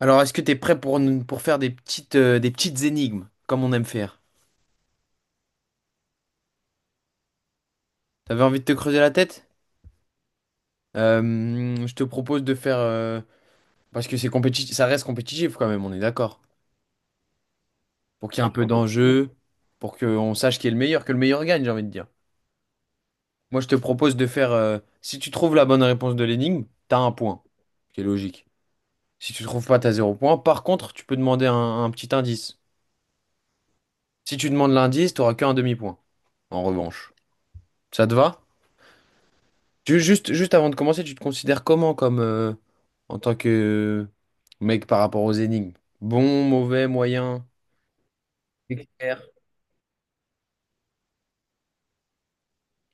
Alors, est-ce que t'es prêt pour, pour faire des petites énigmes, comme on aime faire? T'avais envie de te creuser la tête? Je te propose de faire... parce que c'est compétitif, ça reste compétitif quand même, on est d'accord. Pour qu'il y ait un peu d'enjeu, pour qu'on sache qui est le meilleur, que le meilleur gagne, j'ai envie de dire. Moi, je te propose de faire... si tu trouves la bonne réponse de l'énigme, t'as un point, ce qui est logique. Si tu trouves pas, t'as zéro point. Par contre, tu peux demander un petit indice. Si tu demandes l'indice, t'auras qu'un demi-point, en revanche. Ça te va? Juste avant de commencer, tu te considères comment comme en tant que mec par rapport aux énigmes? Bon, mauvais, moyen, expert.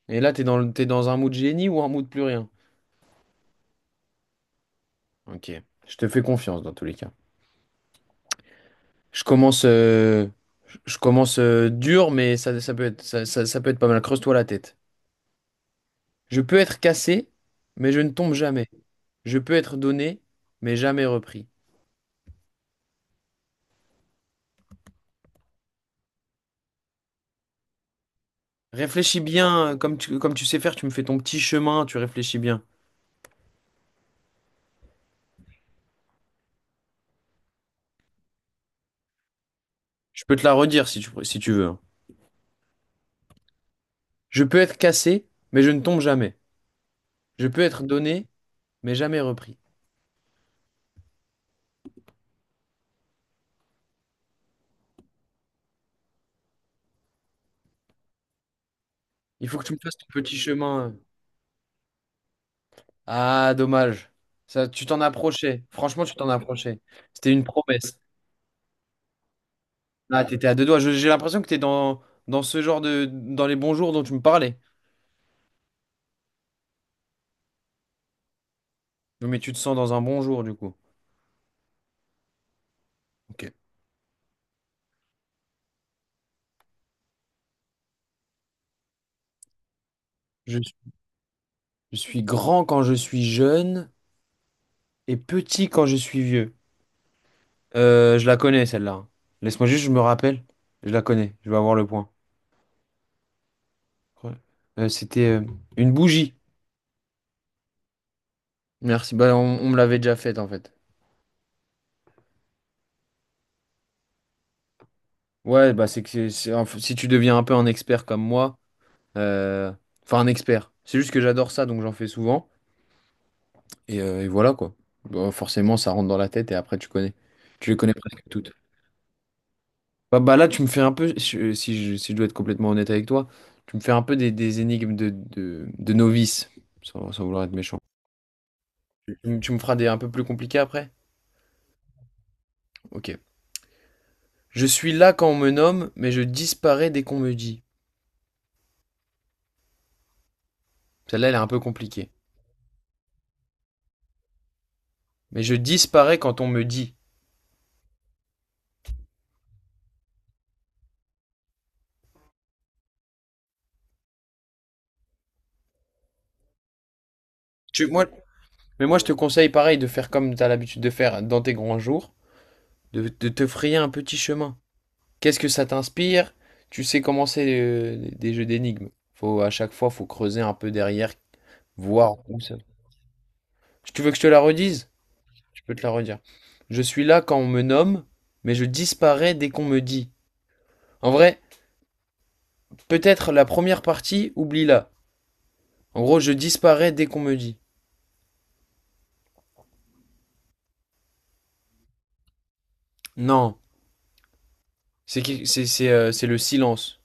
Et là, t'es dans un mood génie ou un mood plus rien? Ok, je te fais confiance dans tous les cas. Je commence, euh, je commence dur, mais ça peut être pas mal. Creuse-toi la tête. Je peux être cassé, mais je ne tombe jamais. Je peux être donné, mais jamais repris. Réfléchis bien, comme tu sais faire, tu me fais ton petit chemin, tu réfléchis bien. Je peux te la redire si tu veux, hein. Je peux être cassé, mais je ne tombe jamais. Je peux être donné, mais jamais repris. Il faut que tu me fasses ton petit chemin, hein. Ah, dommage. Ça, tu t'en approchais. Franchement, tu t'en approchais. C'était une promesse. Ah, t'étais à deux doigts. J'ai l'impression que t'es dans ce genre de... dans les bons jours dont tu me parlais. Non, mais tu te sens dans un bon jour, du coup. Ok. Je, je suis grand quand je suis jeune et petit quand je suis vieux. Je la connais, celle-là. Laisse-moi juste, je me rappelle. Je la connais. Je vais avoir le point. Ouais. C'était une bougie. Merci. Bah, on me l'avait déjà faite en fait. Ouais, bah c'est que si tu deviens un peu un expert comme moi, euh, enfin un expert, c'est juste que j'adore ça, donc j'en fais souvent. Et voilà quoi. Bah, forcément, ça rentre dans la tête et après tu connais. Tu les connais presque toutes. Bah là, tu me fais un peu, si je dois être complètement honnête avec toi, tu me fais un peu des énigmes de novice, sans vouloir être méchant. Tu me feras des un peu plus compliqués après? Ok. Je suis là quand on me nomme, mais je disparais dès qu'on me dit. Celle-là, elle est un peu compliquée. Mais je disparais quand on me dit. Tu, moi, mais moi, je te conseille pareil de faire comme tu as l'habitude de faire dans tes grands jours, de te frayer un petit chemin. Qu'est-ce que ça t'inspire? Tu sais comment c'est des jeux d'énigmes. Faut, à chaque fois, faut creuser un peu derrière, voir où ça. Tu veux que je te la redise? Je peux te la redire. Je suis là quand on me nomme, mais je disparais dès qu'on me dit. En vrai, peut-être la première partie, oublie-la. En gros, je disparais dès qu'on me dit. Non, c'est qui- c'est le silence.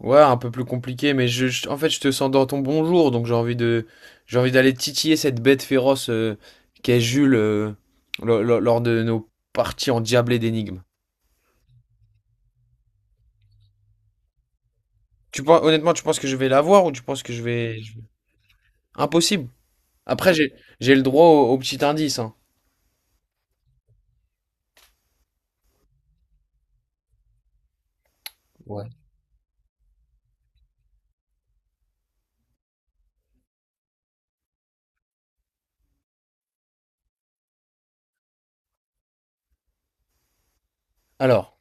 Ouais, un peu plus compliqué, mais en fait, je te sens dans ton bonjour, donc j'ai envie d'aller titiller cette bête féroce, qu'est Jules lors de nos parties endiablées d'énigmes. Tu penses, honnêtement, tu penses que je vais la voir ou tu penses que je vais... Impossible. Après, j'ai le droit au petit indice, hein. Ouais. Alors,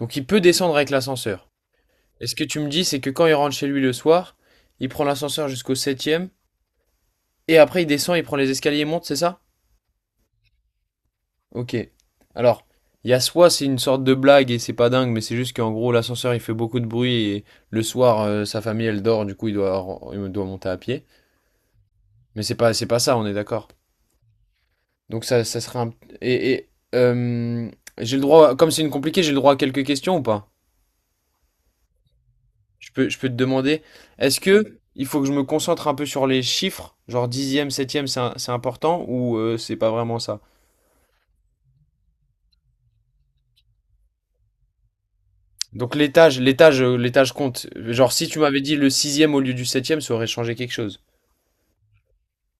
donc il peut descendre avec l'ascenseur. Et ce que tu me dis, c'est que quand il rentre chez lui le soir, il prend l'ascenseur jusqu'au septième. Et après, il descend, il prend les escaliers et monte, c'est ça? Ok. Alors, il y a soit c'est une sorte de blague et c'est pas dingue, mais c'est juste qu'en gros, l'ascenseur il fait beaucoup de bruit et le soir, sa famille elle dort, du coup, il doit monter à pied. Mais c'est pas ça, on est d'accord. Donc, ça serait un. Et, et, euh, j'ai le droit, comme c'est une compliquée, j'ai le droit à quelques questions ou pas? Je peux te demander, est-ce que il faut que je me concentre un peu sur les chiffres, genre dixième, septième, c'est important ou c'est pas vraiment ça? Donc l'étage compte. Genre si tu m'avais dit le sixième au lieu du septième, ça aurait changé quelque chose.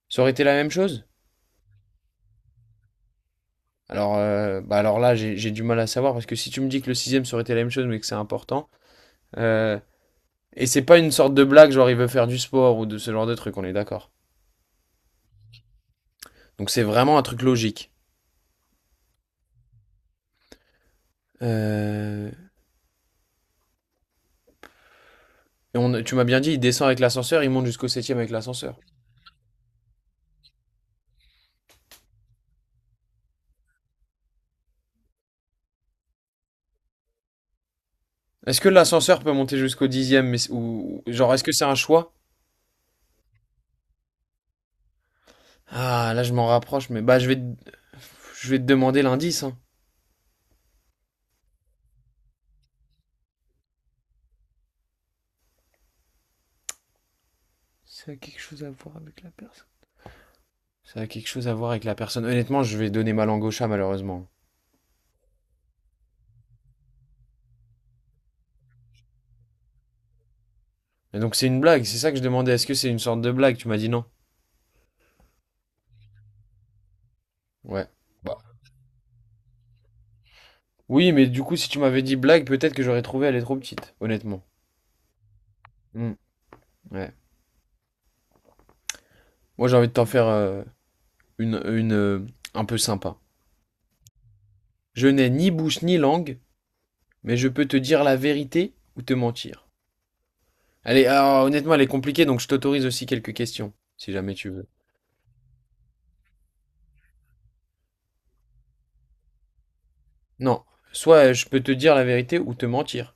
Ça aurait été la même chose? Alors, bah alors là, j'ai du mal à savoir parce que si tu me dis que le sixième ça aurait été la même chose, mais que c'est important, euh, et c'est pas une sorte de blague, genre il veut faire du sport ou de ce genre de truc, on est d'accord. Donc c'est vraiment un truc logique. Euh, et tu m'as bien dit, il descend avec l'ascenseur, il monte jusqu'au septième avec l'ascenseur. Est-ce que l'ascenseur peut monter jusqu'au dixième, mais, genre est-ce que c'est un choix? Ah, là, je m'en rapproche, mais bah, je vais te demander l'indice, hein. Ça a quelque chose à voir avec la personne. Ça a quelque chose à voir avec la personne. Honnêtement, je vais donner ma langue au chat, malheureusement. Mais donc, c'est une blague, c'est ça que je demandais. Est-ce que c'est une sorte de blague? Tu m'as dit non. Ouais. Bah. Oui, mais du coup, si tu m'avais dit blague, peut-être que j'aurais trouvé elle est trop petite, honnêtement. Hmm. Ouais. Moi, j'ai envie de t'en faire une un peu sympa. Je n'ai ni bouche ni langue, mais je peux te dire la vérité ou te mentir. Allez, alors, honnêtement, elle est compliquée, donc je t'autorise aussi quelques questions, si jamais tu veux. Non, soit je peux te dire la vérité ou te mentir.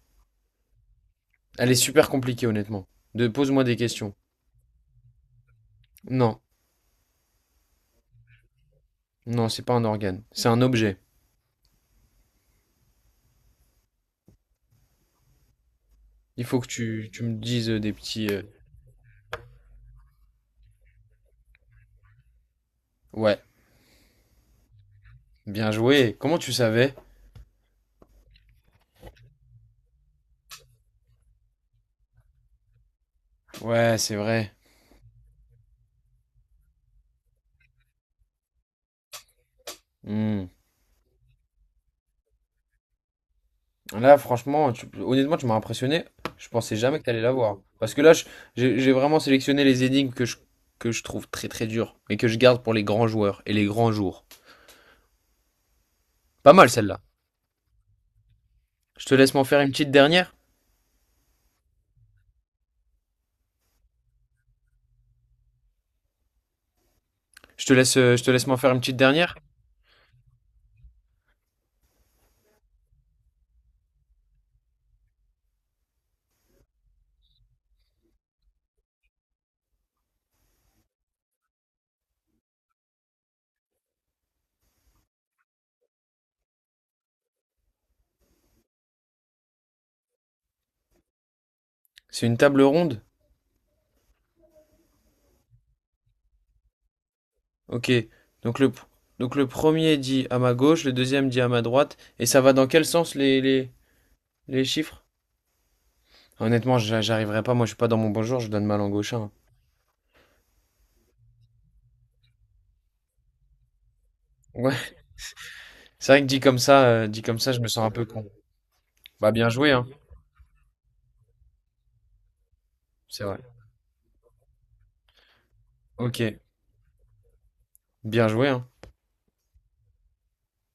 Elle est super compliquée, honnêtement. De pose-moi des questions. Non, non, c'est pas un organe, c'est un objet. Il faut que tu me dises des petits. Ouais, bien joué. Comment tu savais? Ouais, c'est vrai. Hmm. Là, franchement, honnêtement, tu m'as impressionné. Je pensais jamais que t'allais l'avoir. Parce que là, j'ai vraiment sélectionné les énigmes que je trouve très très dures, mais que je garde pour les grands joueurs et les grands jours. Pas mal celle-là. Je te laisse m'en faire une petite dernière. Je te laisse m'en faire une petite dernière. C'est une table ronde. Ok. Donc le, donc le premier dit à ma gauche, le deuxième dit à ma droite. Et ça va dans quel sens les chiffres? Honnêtement, j'arriverai pas. Moi, je suis pas dans mon bonjour. Je donne mal en gauche, hein. Ouais. C'est vrai que dit comme ça, je me sens un peu con. Bah bien joué, hein. C'est vrai. Ok. Bien joué, hein.